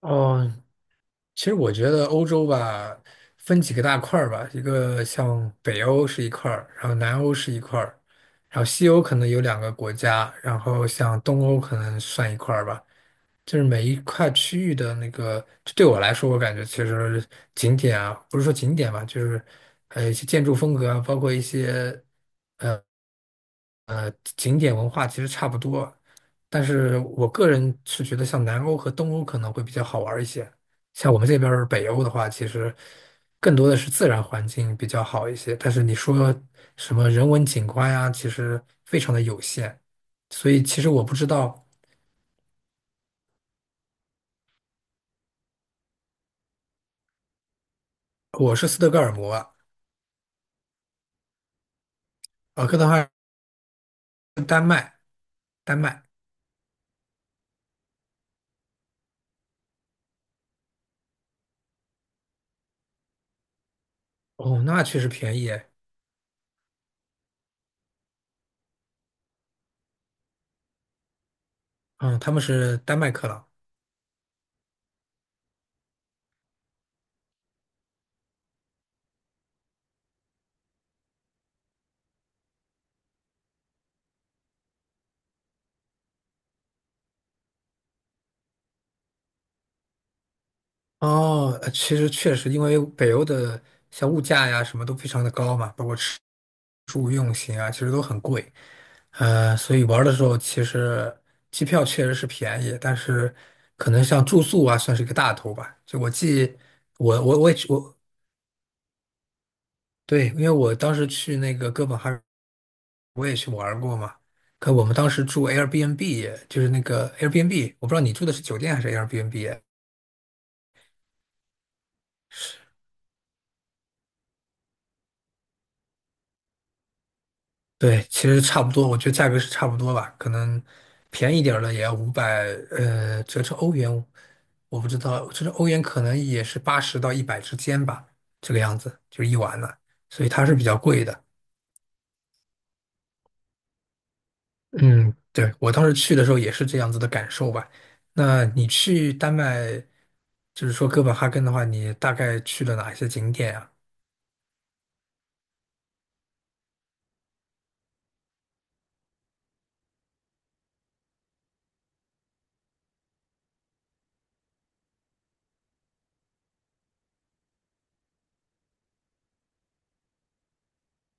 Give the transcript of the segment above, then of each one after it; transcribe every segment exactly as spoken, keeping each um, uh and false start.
哦，其实我觉得欧洲吧，分几个大块儿吧，一个像北欧是一块儿，然后南欧是一块儿，然后西欧可能有两个国家，然后像东欧可能算一块儿吧。就是每一块区域的那个，就对我来说，我感觉其实景点啊，不是说景点吧，就是还有一些建筑风格啊，包括一些。呃景点文化其实差不多，但是我个人是觉得像南欧和东欧可能会比较好玩儿一些。像我们这边儿北欧的话，其实更多的是自然环境比较好一些，但是你说什么人文景观呀，其实非常的有限。所以其实我不知道，我是斯德哥尔摩啊，哥本哈根丹麦。丹麦。哦，那确实便宜耶。嗯，他们是丹麦克朗。哦，呃其实确实，因为北欧的像物价呀什么都非常的高嘛，包括吃住用行啊，其实都很贵。呃，所以玩儿的时候其实机票确实是便宜，但是可能像住宿啊算是一个大头吧。就我记，我我我也去我对，因为我当时去那个哥本哈根，我也去玩儿过嘛。可我们当时住 Airbnb，就是那个 Airbnb，我不知道你住的是酒店还是 Airbnb。对，其实差不多，我觉得价格是差不多吧，可能便宜点儿的也要五百，呃，折成欧元，我不知道，折成欧元可能也是八十到一百之间吧，这个样子，就是一晚了，所以它是比较贵的。嗯，对，我当时去的时候也是这样子的感受吧。那你去丹麦，就是说哥本哈根的话，你大概去了哪一些景点啊？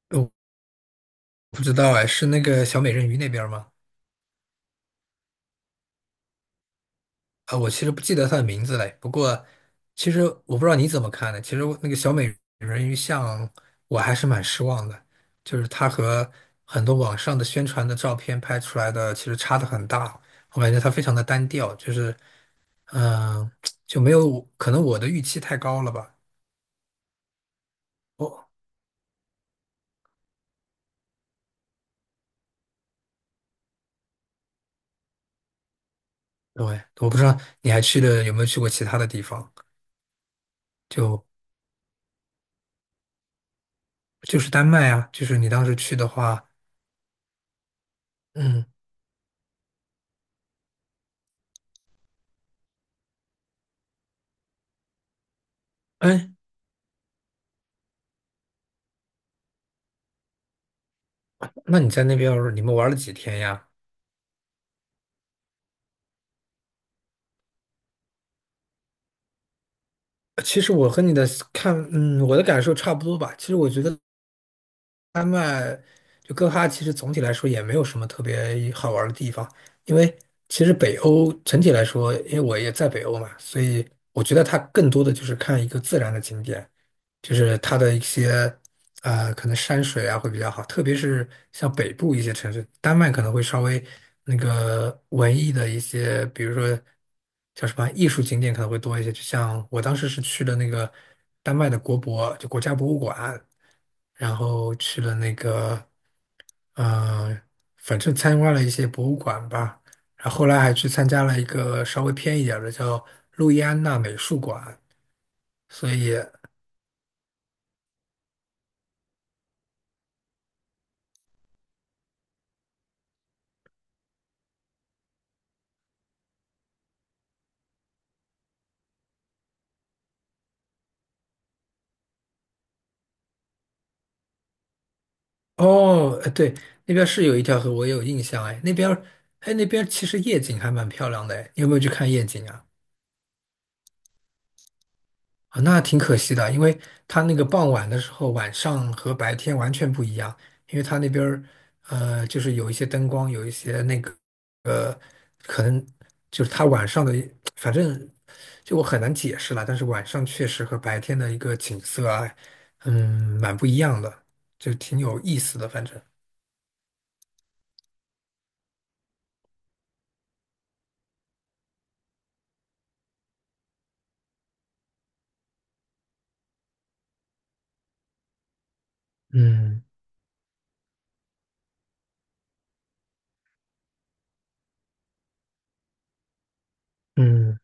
呃我不知道哎，是那个小美人鱼那边儿吗？啊，我其实不记得它的名字嘞。不过，其实我不知道你怎么看的。其实我那个小美人鱼像，我还是蛮失望的，就是它和很多网上的宣传的照片拍出来的其实差的很大。我感觉它非常的单调，就是，嗯、就没有，可能我的预期太高了吧。哦，对，我不知道你还去了有没有去过其他的地方，就就是丹麦啊，就是你当时去的话，嗯，哎，那你在那边儿你们玩了几天呀？其实我和你的看，嗯，我的感受差不多吧。其实我觉得，丹麦就哥哈，其实总体来说也没有什么特别好玩儿的地方，因为其实北欧整体来说，因为我也在北欧嘛，所以我觉得它更多的就是看一个自然的景点，就是它的一些呃可能山水啊会比较好，特别是像北部一些城市，丹麦可能会稍微那个文艺的一些，比如说叫什么艺术景点可能会多一些，就像我当时是去了那个丹麦的国博，就国家博物馆。然后去了那个，呃，反正参观了一些博物馆吧，然后后来还去参加了一个稍微偏一点儿的叫路易安娜美术馆，所以哦，呃对，那边是有一条河，我也有印象，哎，那边儿，哎，那边其实夜景还蛮漂亮的，哎，你有没有去看夜景啊？啊，那挺可惜的，因为它那个傍晚的时候，晚上和白天完全不一样，因为它那边儿，呃，就是有一些灯光，有一些那个。可能就是他晚上的，反正就我很难解释了。但是晚上确实和白天的一个景色啊，嗯，蛮不一样的，就挺有意思的。反正，嗯嗯，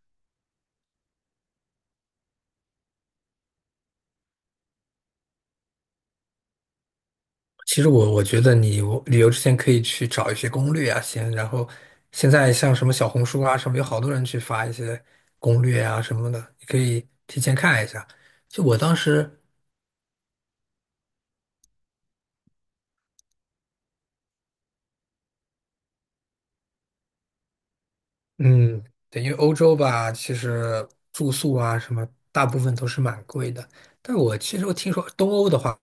其实我我觉得你我旅游之前可以去找一些攻略啊，先，然后现在像什么小红书啊什么，有好多人去发一些攻略啊什么的，你可以提前看一下。就我当时。嗯，对，因为欧洲吧，其实住宿啊什么，大部分都是蛮贵的。但我其实我听说东欧的话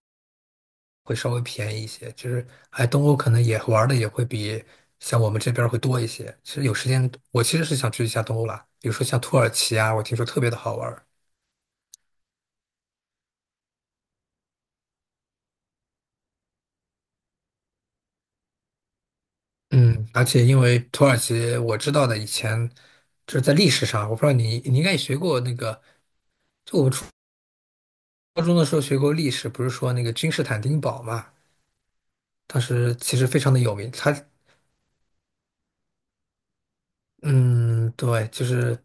会稍微便宜一些，就是哎，东欧可能也玩的也会比像我们这边儿会多一些。其实有时间，我其实是想去一下东欧啦，比如说像土耳其啊，我听说特别的好玩儿嗯，而且因为土耳其，我知道的以前就是在历史上，我不知道你你应该也学过那个高中的时候学过历史，不是说那个君士坦丁堡嘛？当时其实非常的有名，它嗯，对，就是，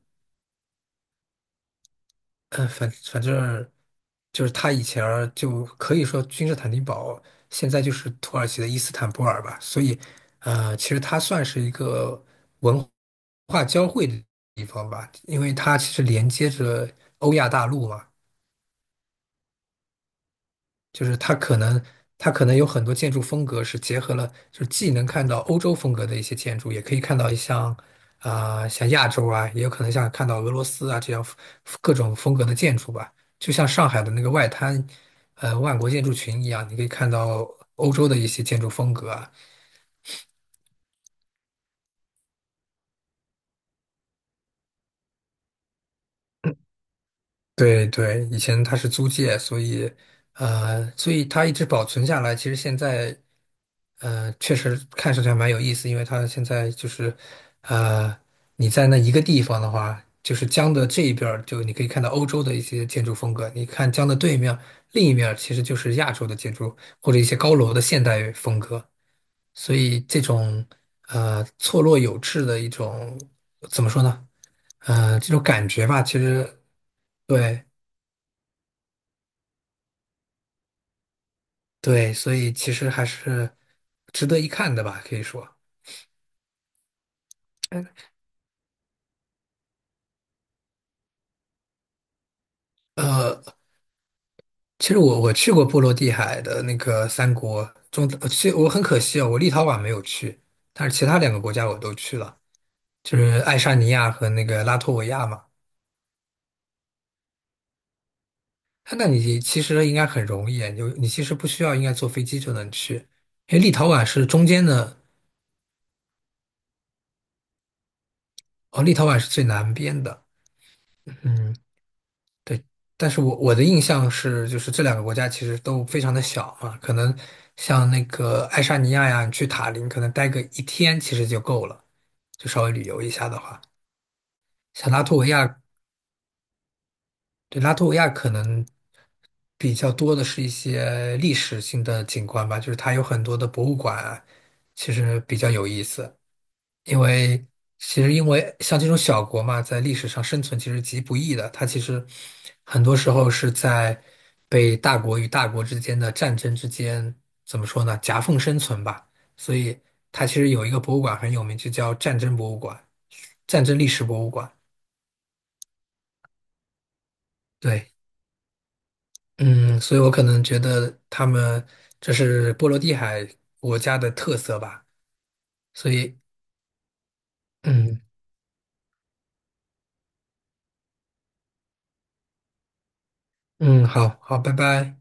呃，反反正就是他以前儿就可以说君士坦丁堡，现在就是土耳其的伊斯坦布尔吧，所以，呃，其实它算是一个文化交汇的地方吧，因为它其实连接着欧亚大陆嘛，就是它可能它可能有很多建筑风格是结合了，就是既能看到欧洲风格的一些建筑，也可以看到像啊、像亚洲啊，也有可能像看到俄罗斯啊这样各种风格的建筑吧。就像上海的那个外滩，呃，万国建筑群一样，你可以看到欧洲的一些建筑风格啊，对对，以前它是租界，所以呃，所以它一直保存下来。其实现在呃，确实看上去还蛮有意思，因为它现在就是呃，你在那一个地方的话，就是江的这一边儿就你可以看到欧洲的一些建筑风格；你看江的对面，另一面儿其实就是亚洲的建筑或者一些高楼的现代风格。所以这种呃错落有致的一种怎么说呢？呃，这种感觉吧，其实对。对，所以其实还是值得一看的吧，可以说。呃，其实我我去过波罗的海的那个三国中，呃其实我很可惜哦，我立陶宛没有去，但是其他两个国家我都去了，就是爱沙尼亚和那个拉脱维亚嘛。哎那你其实应该很容易啊，你就你其实不需要应该坐飞机就能去，因为立陶宛是中间的，哦，立陶宛是最南边的。嗯。对，但是我我的印象是，就是这两个国家其实都非常的小嘛，可能像那个爱沙尼亚呀，你去塔林可能待个一天其实就够了，就稍微旅游一下的话，像拉脱维亚，对，拉脱维亚可能比较多的是一些历史性的景观吧，就是它有很多的博物馆啊其实比较有意思。因为其实因为像这种小国嘛，在历史上生存其实极不易的，它其实很多时候是在被大国与大国之间的战争之间，怎么说呢，夹缝生存吧。所以它其实有一个博物馆很有名，就叫战争博物馆、战争历史博物馆。对，嗯，所以我可能觉得他们这是波罗的海国家的特色吧。所以，嗯嗯，好好，拜拜。